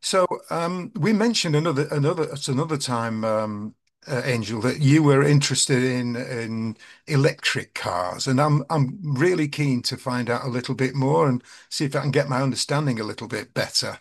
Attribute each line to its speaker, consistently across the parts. Speaker 1: So we mentioned another at another time, Angel, that you were interested in electric cars, and I'm really keen to find out a little bit more and see if I can get my understanding a little bit better.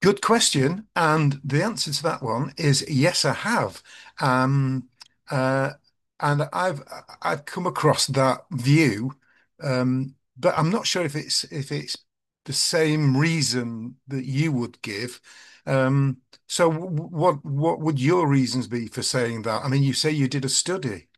Speaker 1: Good question. And the answer to that one is yes, I have. Um, uh, and I've come across that view, but I'm not sure if it's the same reason that you would give. Um, so what would your reasons be for saying that? I mean, you say you did a study.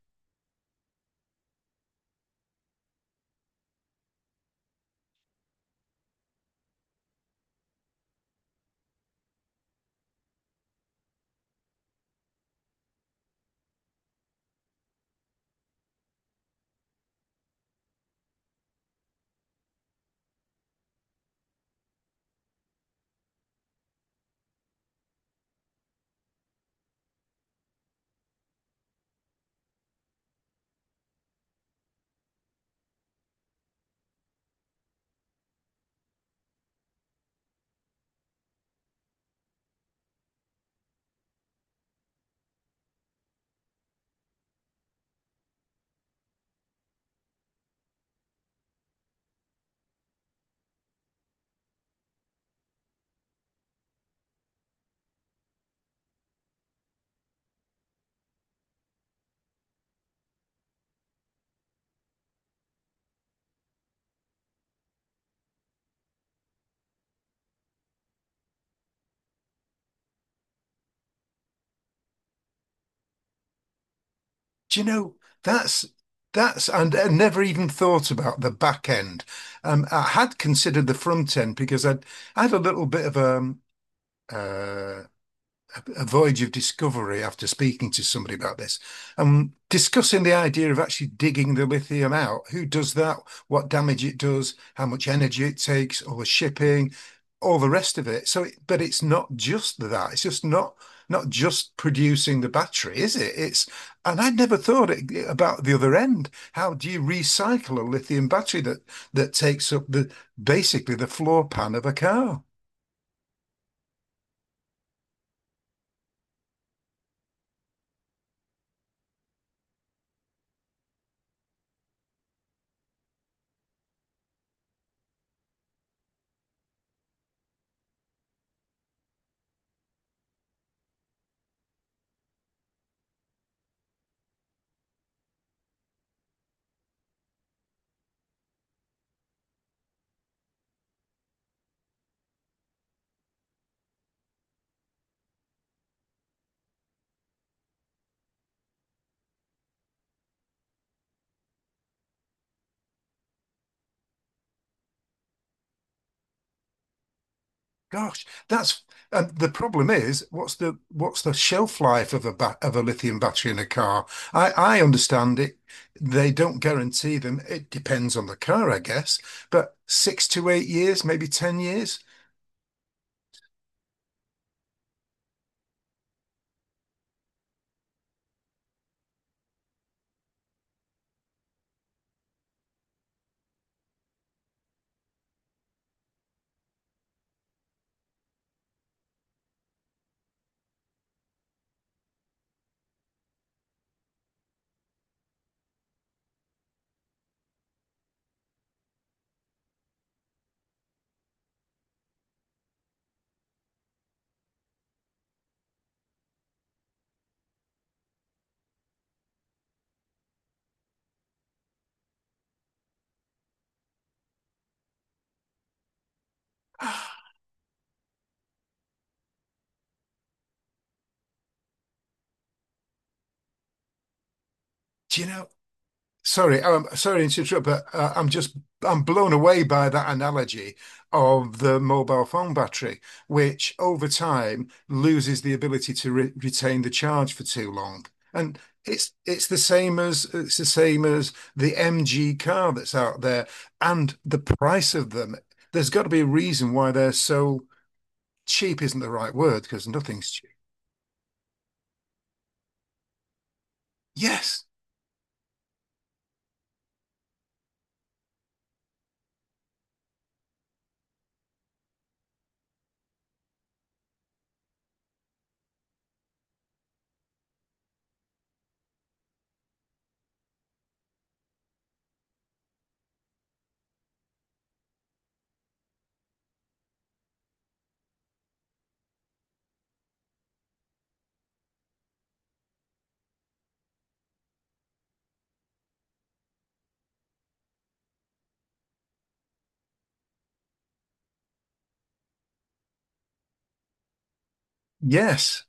Speaker 1: Do you know that's That's and I never even thought about the back end. I had considered the front end because I'd I had a little bit of uh, a voyage of discovery after speaking to somebody about this and discussing the idea of actually digging the lithium out. Who does that? What damage it does? How much energy it takes? All the shipping, all the rest of it. So, but it's not just that. It's just not just producing the battery, is it? It's and I'd never thought it, about the other end. How do you recycle a lithium battery that takes up the basically the floor pan of a car? Gosh, that's and the problem is what's the shelf life of a lithium battery in a car? I understand it. They don't guarantee them. It depends on the car, I guess, but 6 to 8 years, maybe 10 years. Do you know? Sorry to interrupt, but I'm just I'm blown away by that analogy of the mobile phone battery, which over time loses the ability to re retain the charge for too long. And it's the same as the MG car that's out there and the price of them. There's got to be a reason why they're so cheap isn't the right word because nothing's cheap. Yes, yes.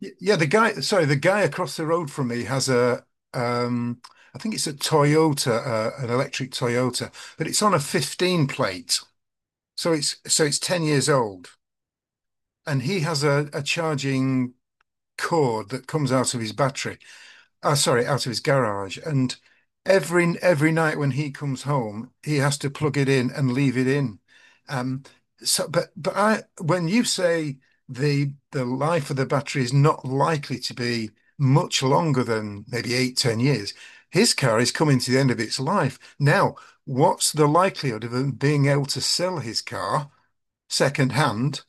Speaker 1: The guy across the road from me has a, um, I think it's a Toyota, an electric Toyota, but it's on a 15 plate. So it's 10 years old, and he has a charging cord that comes out of his battery oh, sorry, out of his garage. And every night when he comes home, he has to plug it in and leave it in. Um, but I when you say the life of the battery is not likely to be much longer than maybe eight, 10 years, his car is coming to the end of its life. Now, what's the likelihood of him being able to sell his car second hand,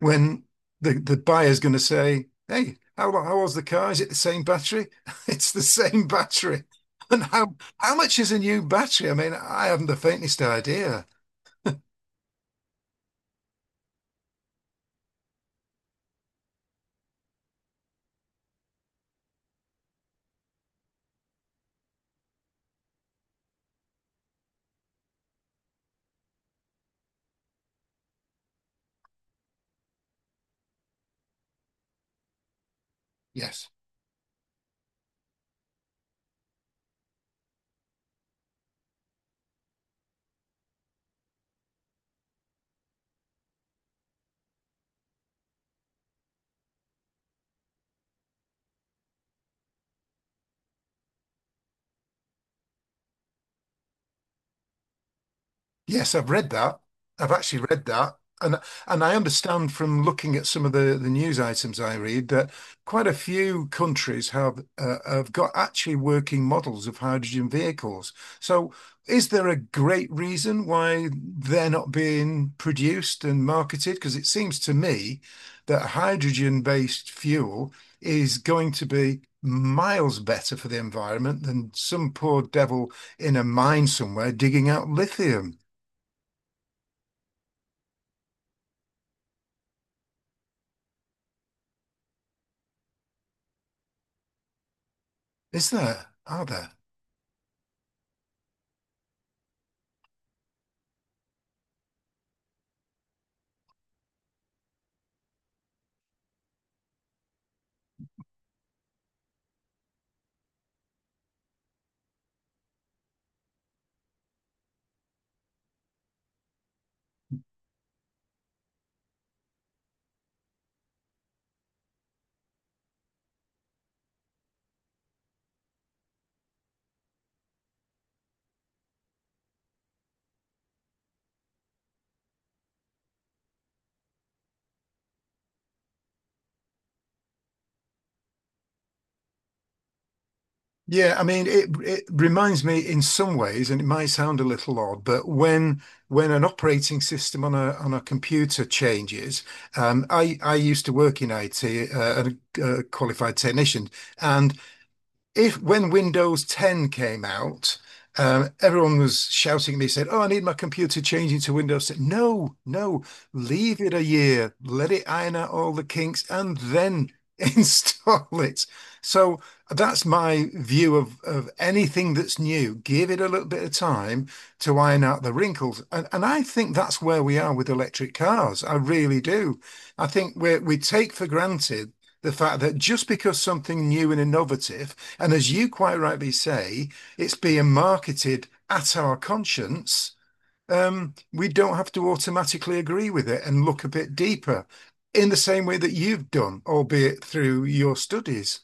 Speaker 1: when the buyer is going to say, "Hey, how old's the car? Is it the same battery?" It's the same battery. And how much is a new battery? I mean, I haven't the faintest idea. Yes. Yes, I've read that. I've actually read that. And and I understand from looking at some of the news items I read that quite a few countries have got actually working models of hydrogen vehicles. So is there a great reason why they're not being produced and marketed? Because it seems to me that hydrogen-based fuel is going to be miles better for the environment than some poor devil in a mine somewhere digging out lithium. Is there? Are there? Yeah, I mean, it reminds me in some ways, and it might sound a little odd, but when an operating system on a computer changes, I used to work in IT, uh, a qualified technician, and if when Windows 10 came out, everyone was shouting at me, saying, "Oh, I need my computer changing to Windows 10." No, no, leave it a year, let it iron out all the kinks, and then install it. So that's my view of anything that's new. Give it a little bit of time to iron out the wrinkles, and I think that's where we are with electric cars. I really do. I think we take for granted the fact that just because something new and innovative and as you quite rightly say, it's being marketed at our conscience. We don't have to automatically agree with it and look a bit deeper in the same way that you've done, albeit through your studies.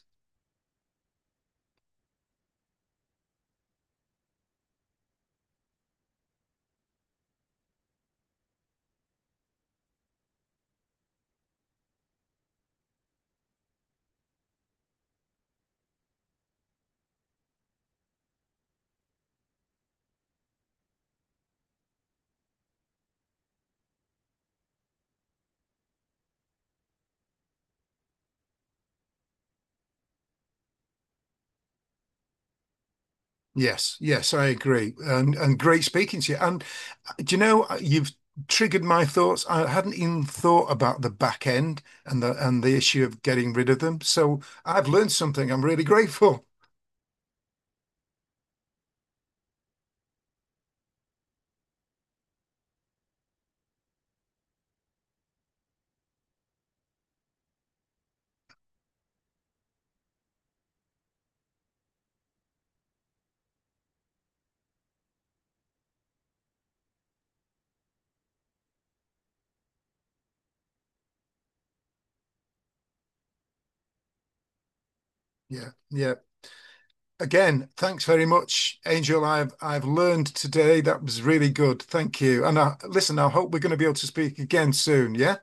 Speaker 1: Yes, yes, I agree. And great speaking to you. And do you know, you've triggered my thoughts. I hadn't even thought about the back end and the issue of getting rid of them. So I've learned something. I'm really grateful. Yeah, yeah. Again, thanks very much, Angel. I've learned today. That was really good. Thank you. And I, listen, I hope we're going to be able to speak again soon. Yeah.